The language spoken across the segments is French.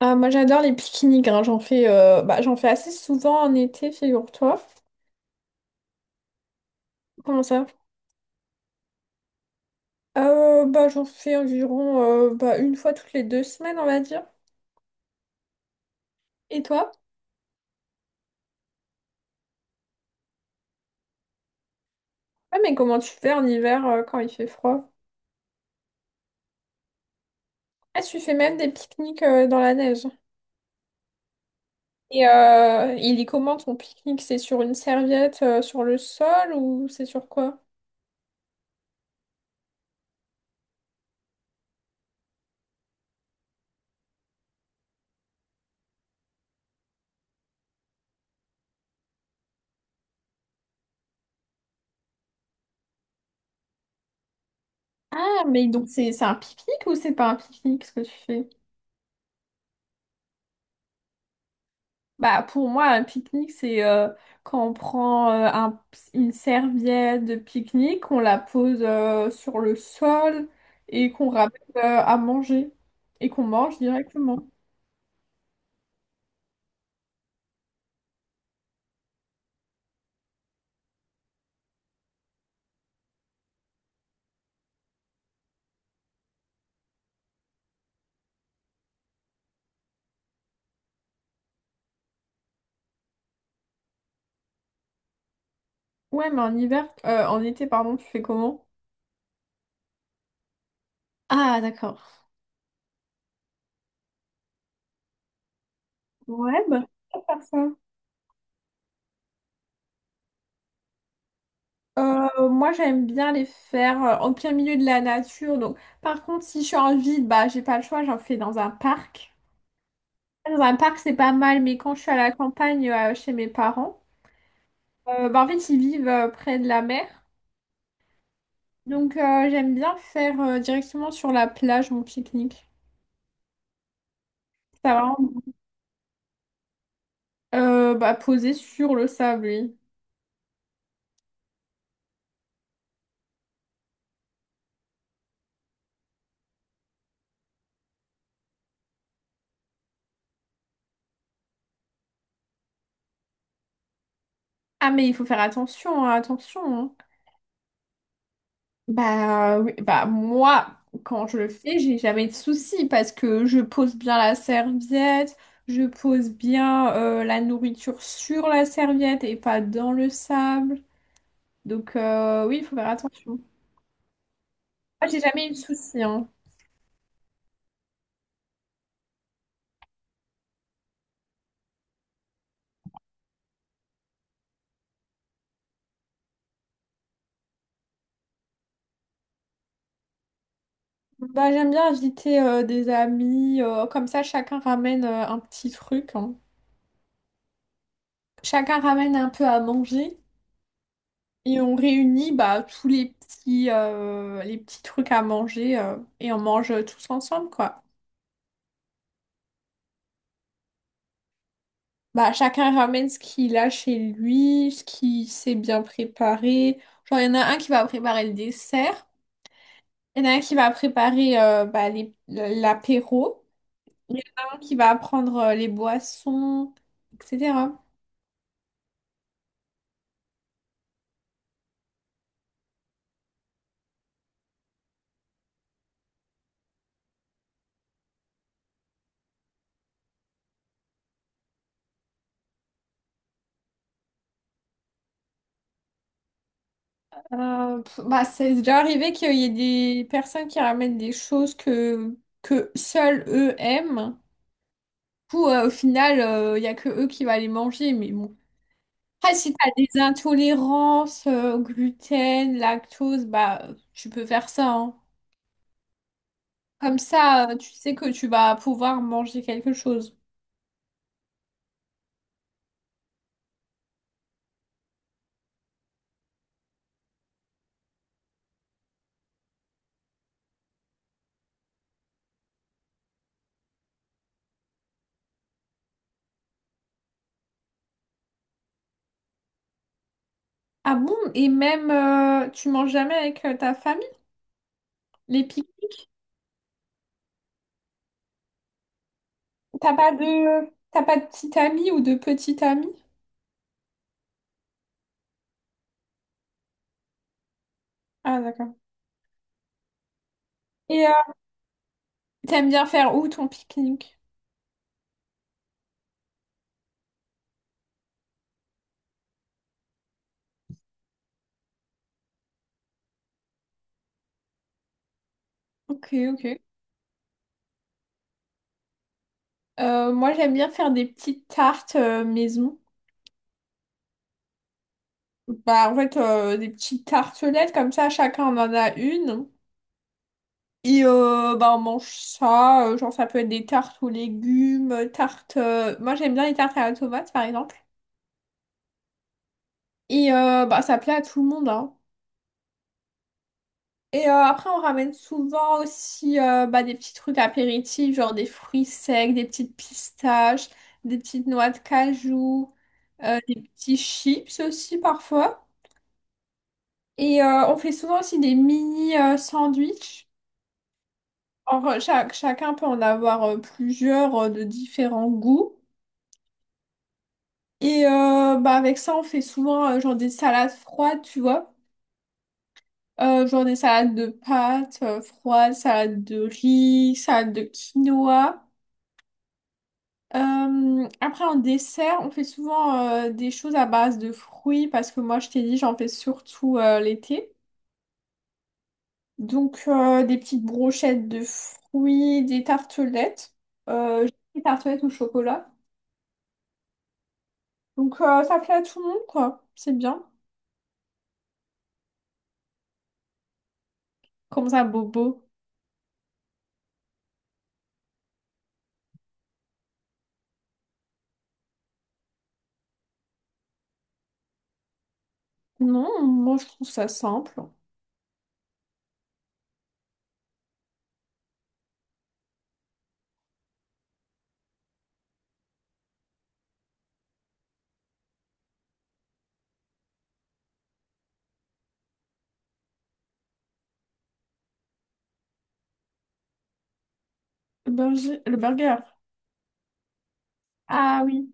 Ah, moi j'adore les pique-niques, hein. J'en fais, j'en fais assez souvent en été, figure-toi. Comment ça? J'en fais environ une fois toutes les deux semaines, on va dire. Et toi? Ah, mais comment tu fais en hiver quand il fait froid? Ah, tu fais même des pique-niques dans la neige. Il est comment ton pique-nique? C'est sur une serviette sur le sol ou c'est sur quoi? Ah, mais donc c'est un pique-nique ou c'est pas un pique-nique ce que tu fais? Bah, pour moi, un pique-nique, c'est quand on prend une serviette de pique-nique, on la pose sur le sol et qu'on ramène à manger et qu'on mange directement. Ouais, mais en hiver, en été, pardon, tu fais comment? Ah, d'accord. Ouais, bah, je vais faire ça. Moi, j'aime bien les faire en plein milieu de la nature. Donc, par contre, si je suis en ville, bah, j'ai pas le choix, j'en fais dans un parc. Dans un parc, c'est pas mal, mais quand je suis à la campagne chez mes parents, en fait, ils vivent près de la mer. Donc, j'aime bien faire directement sur la plage mon pique-nique. Ça va vraiment poser sur le sable, oui. Ah, mais il faut faire attention, hein, attention, hein. Bah, oui, bah, moi, quand je le fais, j'ai jamais de soucis parce que je pose bien la serviette, je pose bien la nourriture sur la serviette et pas dans le sable. Donc, oui, il faut faire attention. Moi, j'ai jamais eu de soucis, hein. Bah, j'aime bien inviter des amis, comme ça chacun ramène un petit truc, hein. Chacun ramène un peu à manger et on réunit bah, tous les petits trucs à manger et on mange tous ensemble quoi. Bah, chacun ramène ce qu'il a chez lui, ce qu'il sait bien préparer. Genre, il y en a un qui va préparer le dessert, il y en a un qui va préparer l'apéro, il y en a un qui va prendre les boissons, etc. C'est déjà arrivé qu'il y ait des personnes qui ramènent des choses que seuls eux aiment. Du coup, au final, il n'y a que eux qui vont les manger. Mais bon. Après, si tu as des intolérances au gluten, lactose, bah, tu peux faire ça, hein. Comme ça, tu sais que tu vas pouvoir manger quelque chose. Ah bon? Et même, tu manges jamais avec ta famille? Les piques. T'as pas de petite amie ou de petite amie? Ah, d'accord. Et t'aimes bien faire où ton pique-nique? Ok, ok. Moi, j'aime bien faire des petites tartes maison. Bah, en fait, des petites tartelettes, comme ça, chacun en a une. Et bah, on mange ça. Genre, ça peut être des tartes aux légumes, tartes. Moi, j'aime bien les tartes à la tomate, par exemple. Et bah, ça plaît à tout le monde, hein. Et après, on ramène souvent aussi des petits trucs apéritifs, genre des fruits secs, des petites pistaches, des petites noix de cajou, des petits chips aussi parfois. Et on fait souvent aussi des mini sandwichs. Chacun peut en avoir plusieurs de différents goûts. Et avec ça, on fait souvent genre des salades froides, tu vois. Genre des salades de pâtes froides, salades de riz, salades de quinoa. Après, en dessert, on fait souvent des choses à base de fruits parce que moi, je t'ai dit, j'en fais surtout l'été. Donc, des petites brochettes de fruits, des tartelettes. Euh, des tartelettes au chocolat. Donc, ça plaît à tout le monde, quoi. C'est bien. Comme ça, bobo. Non, moi, je trouve ça simple. Le burger. Le burger. Ah oui.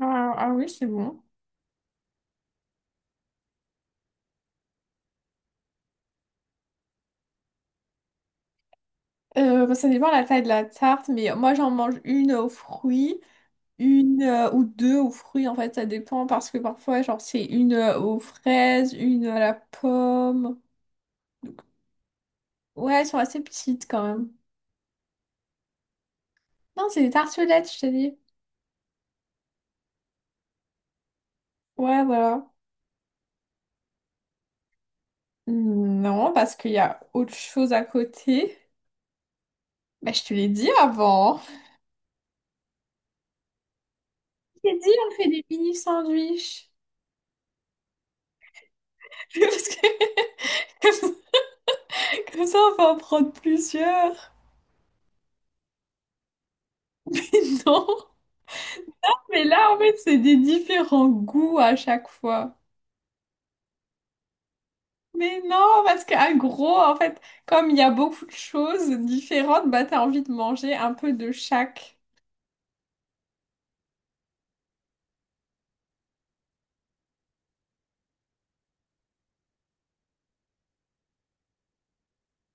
Ah, ah oui, c'est bon. Bah, ça dépend de la taille de la tarte, mais moi, j'en mange une aux fruits. Une ou deux aux fruits, en fait, ça dépend parce que parfois, genre, c'est une aux fraises, une à la pomme. Ouais, elles sont assez petites quand même. Non, c'est des tartelettes, je t'ai dit. Ouais, voilà. Non, parce qu'il y a autre chose à côté. Bah, je te l'ai dit avant. Je t'ai dit, on fait des mini sandwichs. Parce que comme ça, on peut en prendre plusieurs. Non. Mais là, en fait, c'est des différents goûts à chaque fois. Mais non, parce qu'un gros, en fait, comme il y a beaucoup de choses différentes, bah t'as envie de manger un peu de chaque.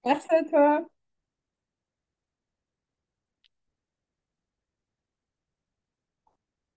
Merci à toi.